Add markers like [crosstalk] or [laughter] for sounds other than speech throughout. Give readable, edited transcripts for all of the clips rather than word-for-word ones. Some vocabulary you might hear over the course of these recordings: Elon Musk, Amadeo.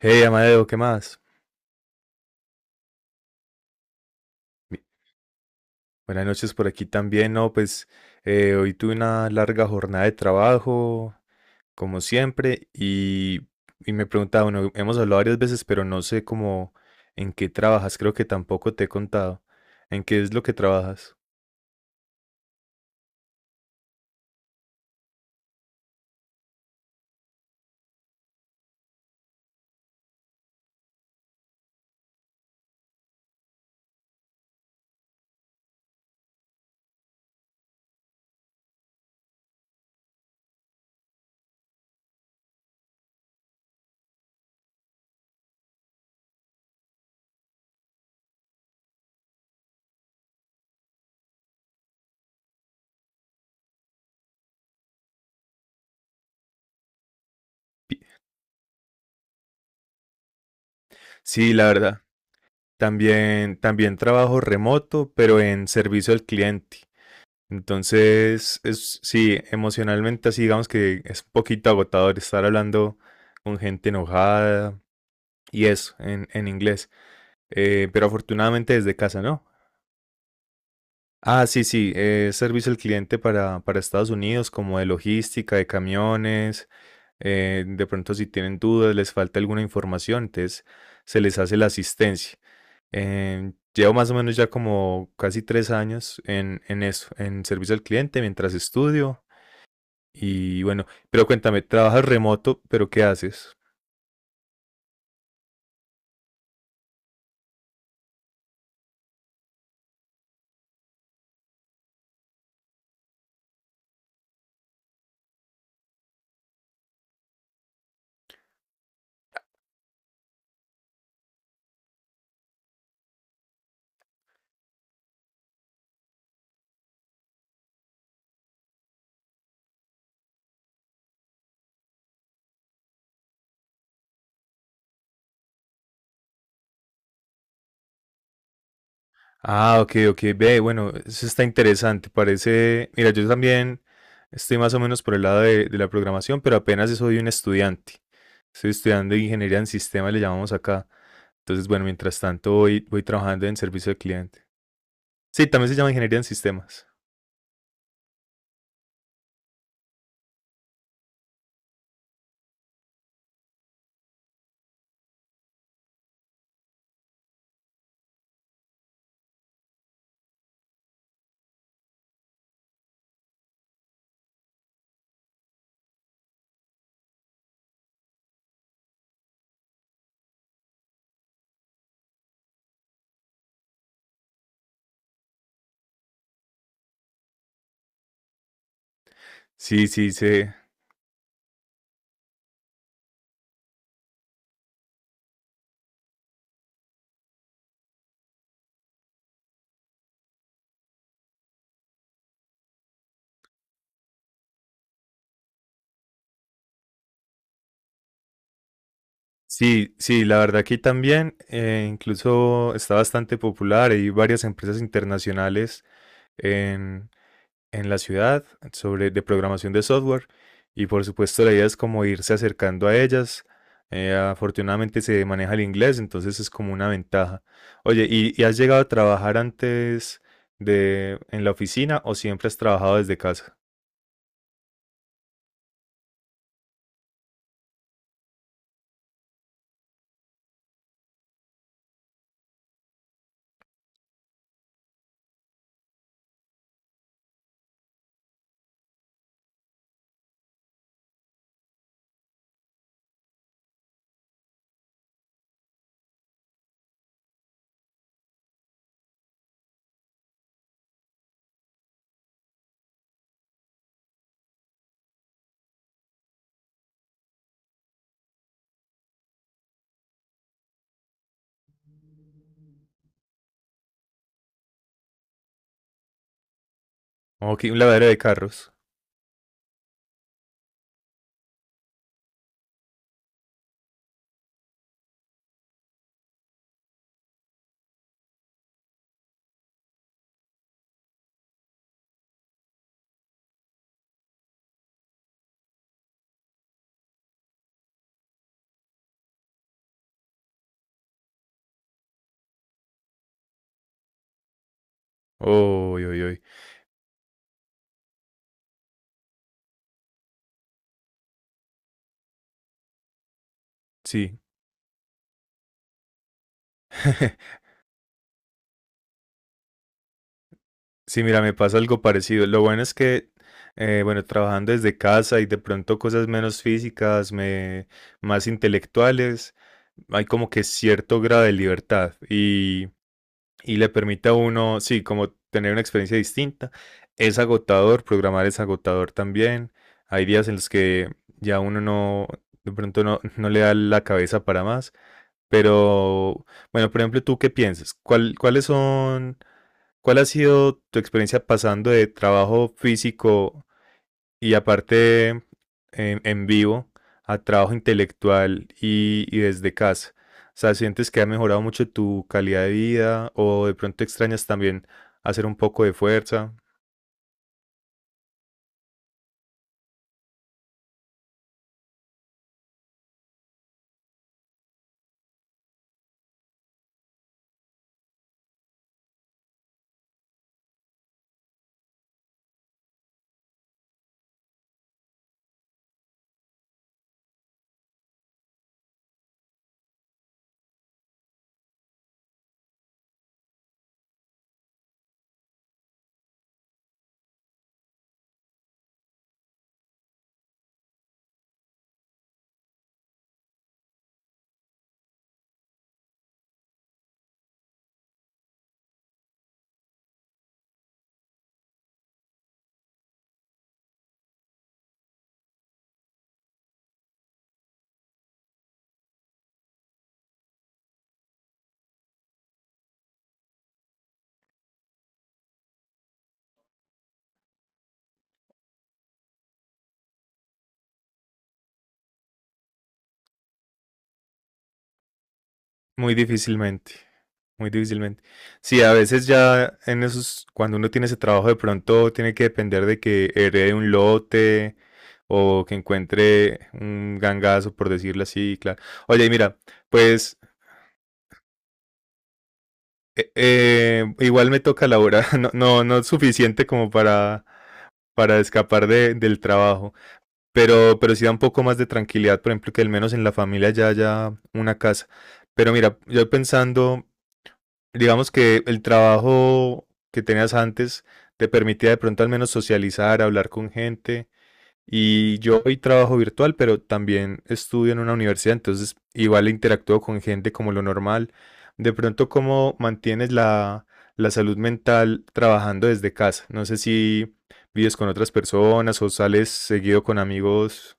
Hey, Amadeo, ¿qué más? Mi- Buenas noches por aquí también, ¿no? Pues hoy tuve una larga jornada de trabajo, como siempre, y me preguntaba, bueno, hemos hablado varias veces, pero no sé cómo en qué trabajas, creo que tampoco te he contado. ¿En qué es lo que trabajas? Sí, la verdad. También trabajo remoto, pero en servicio al cliente. Entonces, es, sí, emocionalmente así, digamos que es un poquito agotador estar hablando con gente enojada. Y eso, en inglés. Pero afortunadamente desde casa, ¿no? Ah, sí, sí, servicio al cliente para Estados Unidos, como de logística, de camiones. De pronto, si tienen dudas, les falta alguna información, entonces se les hace la asistencia. Llevo más o menos ya como casi tres años en eso, en servicio al cliente, mientras estudio. Y bueno, pero cuéntame, trabajas remoto, pero ¿qué haces? Ah, ok, ok. Ve, bueno, eso está interesante. Parece, mira, yo también estoy más o menos por el lado de la programación, pero apenas soy un estudiante. Estoy estudiando ingeniería en sistemas, le llamamos acá. Entonces, bueno, mientras tanto voy, voy trabajando en servicio al cliente. Sí, también se llama ingeniería en sistemas. Sí, sí, sí. Sí, sí, la verdad aquí también incluso está bastante popular. Hay varias empresas internacionales en en la ciudad sobre de programación de software y por supuesto la idea es como irse acercando a ellas. Afortunadamente se maneja el inglés, entonces es como una ventaja. Oye, y has llegado a trabajar antes de en la oficina o siempre has trabajado desde casa? Ok, un lavadero de carros. Uy, uy, uy. Sí. [laughs] Sí, mira, me pasa algo parecido. Lo bueno es que, bueno, trabajando desde casa y de pronto cosas menos físicas, me, más intelectuales, hay como que cierto grado de libertad y le permite a uno, sí, como tener una experiencia distinta. Es agotador, programar es agotador también. Hay días en los que ya uno no, de pronto no, no le da la cabeza para más. Pero, bueno, por ejemplo, ¿tú qué piensas? ¿Cuál- cuáles son... ¿Cuál ha sido tu experiencia pasando de trabajo físico y aparte en vivo a trabajo intelectual y desde casa? O sea, ¿sientes que ha mejorado mucho tu calidad de vida o de pronto extrañas también hacer un poco de fuerza? Muy difícilmente, muy difícilmente. Sí, a veces ya en esos, cuando uno tiene ese trabajo, de pronto tiene que depender de que herede un lote o que encuentre un gangazo, por decirlo así, claro. Oye, y mira, pues igual me toca la hora, [laughs] no, no, no es suficiente como para escapar de- del trabajo, pero sí da un poco más de tranquilidad, por ejemplo, que al menos en la familia ya haya una casa. Pero mira, yo pensando digamos que el trabajo que tenías antes te permitía de pronto al menos socializar, hablar con gente. Y yo hoy trabajo virtual, pero también estudio en una universidad, entonces igual interactúo con gente como lo normal. De pronto, ¿cómo mantienes la, la salud mental trabajando desde casa? No sé si vives con otras personas o sales seguido con amigos.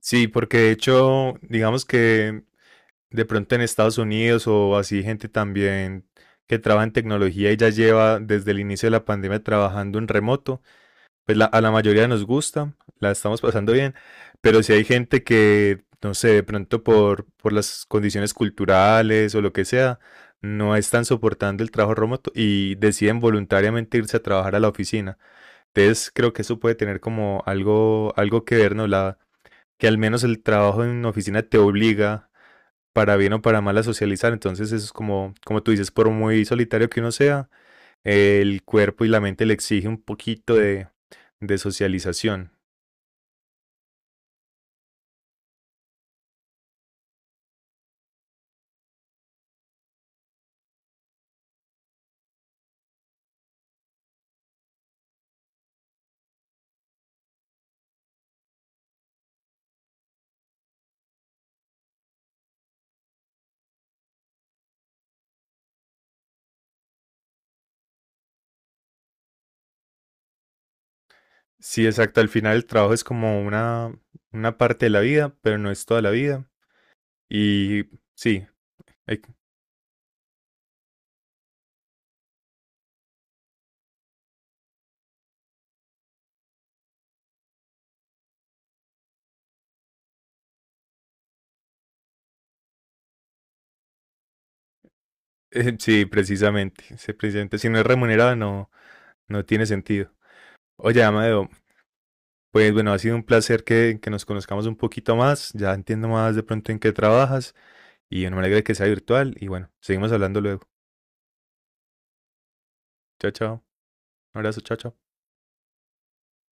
Sí, porque de hecho, digamos que de pronto en Estados Unidos o así gente también que trabaja en tecnología y ya lleva desde el inicio de la pandemia trabajando en remoto, pues la- a la mayoría nos gusta, la estamos pasando bien, pero si hay gente que, no sé, de pronto por las condiciones culturales o lo que sea, no están soportando el trabajo remoto y deciden voluntariamente irse a trabajar a la oficina. Entonces creo que eso puede tener como algo, algo que ver, ¿no? La, que al menos el trabajo en oficina te obliga para bien o para mal a socializar. Entonces eso es como, como tú dices, por muy solitario que uno sea, el cuerpo y la mente le exige un poquito de socialización. Sí, exacto. Al final el trabajo es como una parte de la vida, pero no es toda la vida. Y sí, hay- [laughs] sí, precisamente, sí, precisamente. Si no es remunerado no, no tiene sentido. Oye, Amadeo, pues bueno, ha sido un placer que nos conozcamos un poquito más. Ya entiendo más de pronto en qué trabajas. Y bueno, me alegra que sea virtual. Y bueno, seguimos hablando luego. Chao, chao. Un abrazo, chao, chao.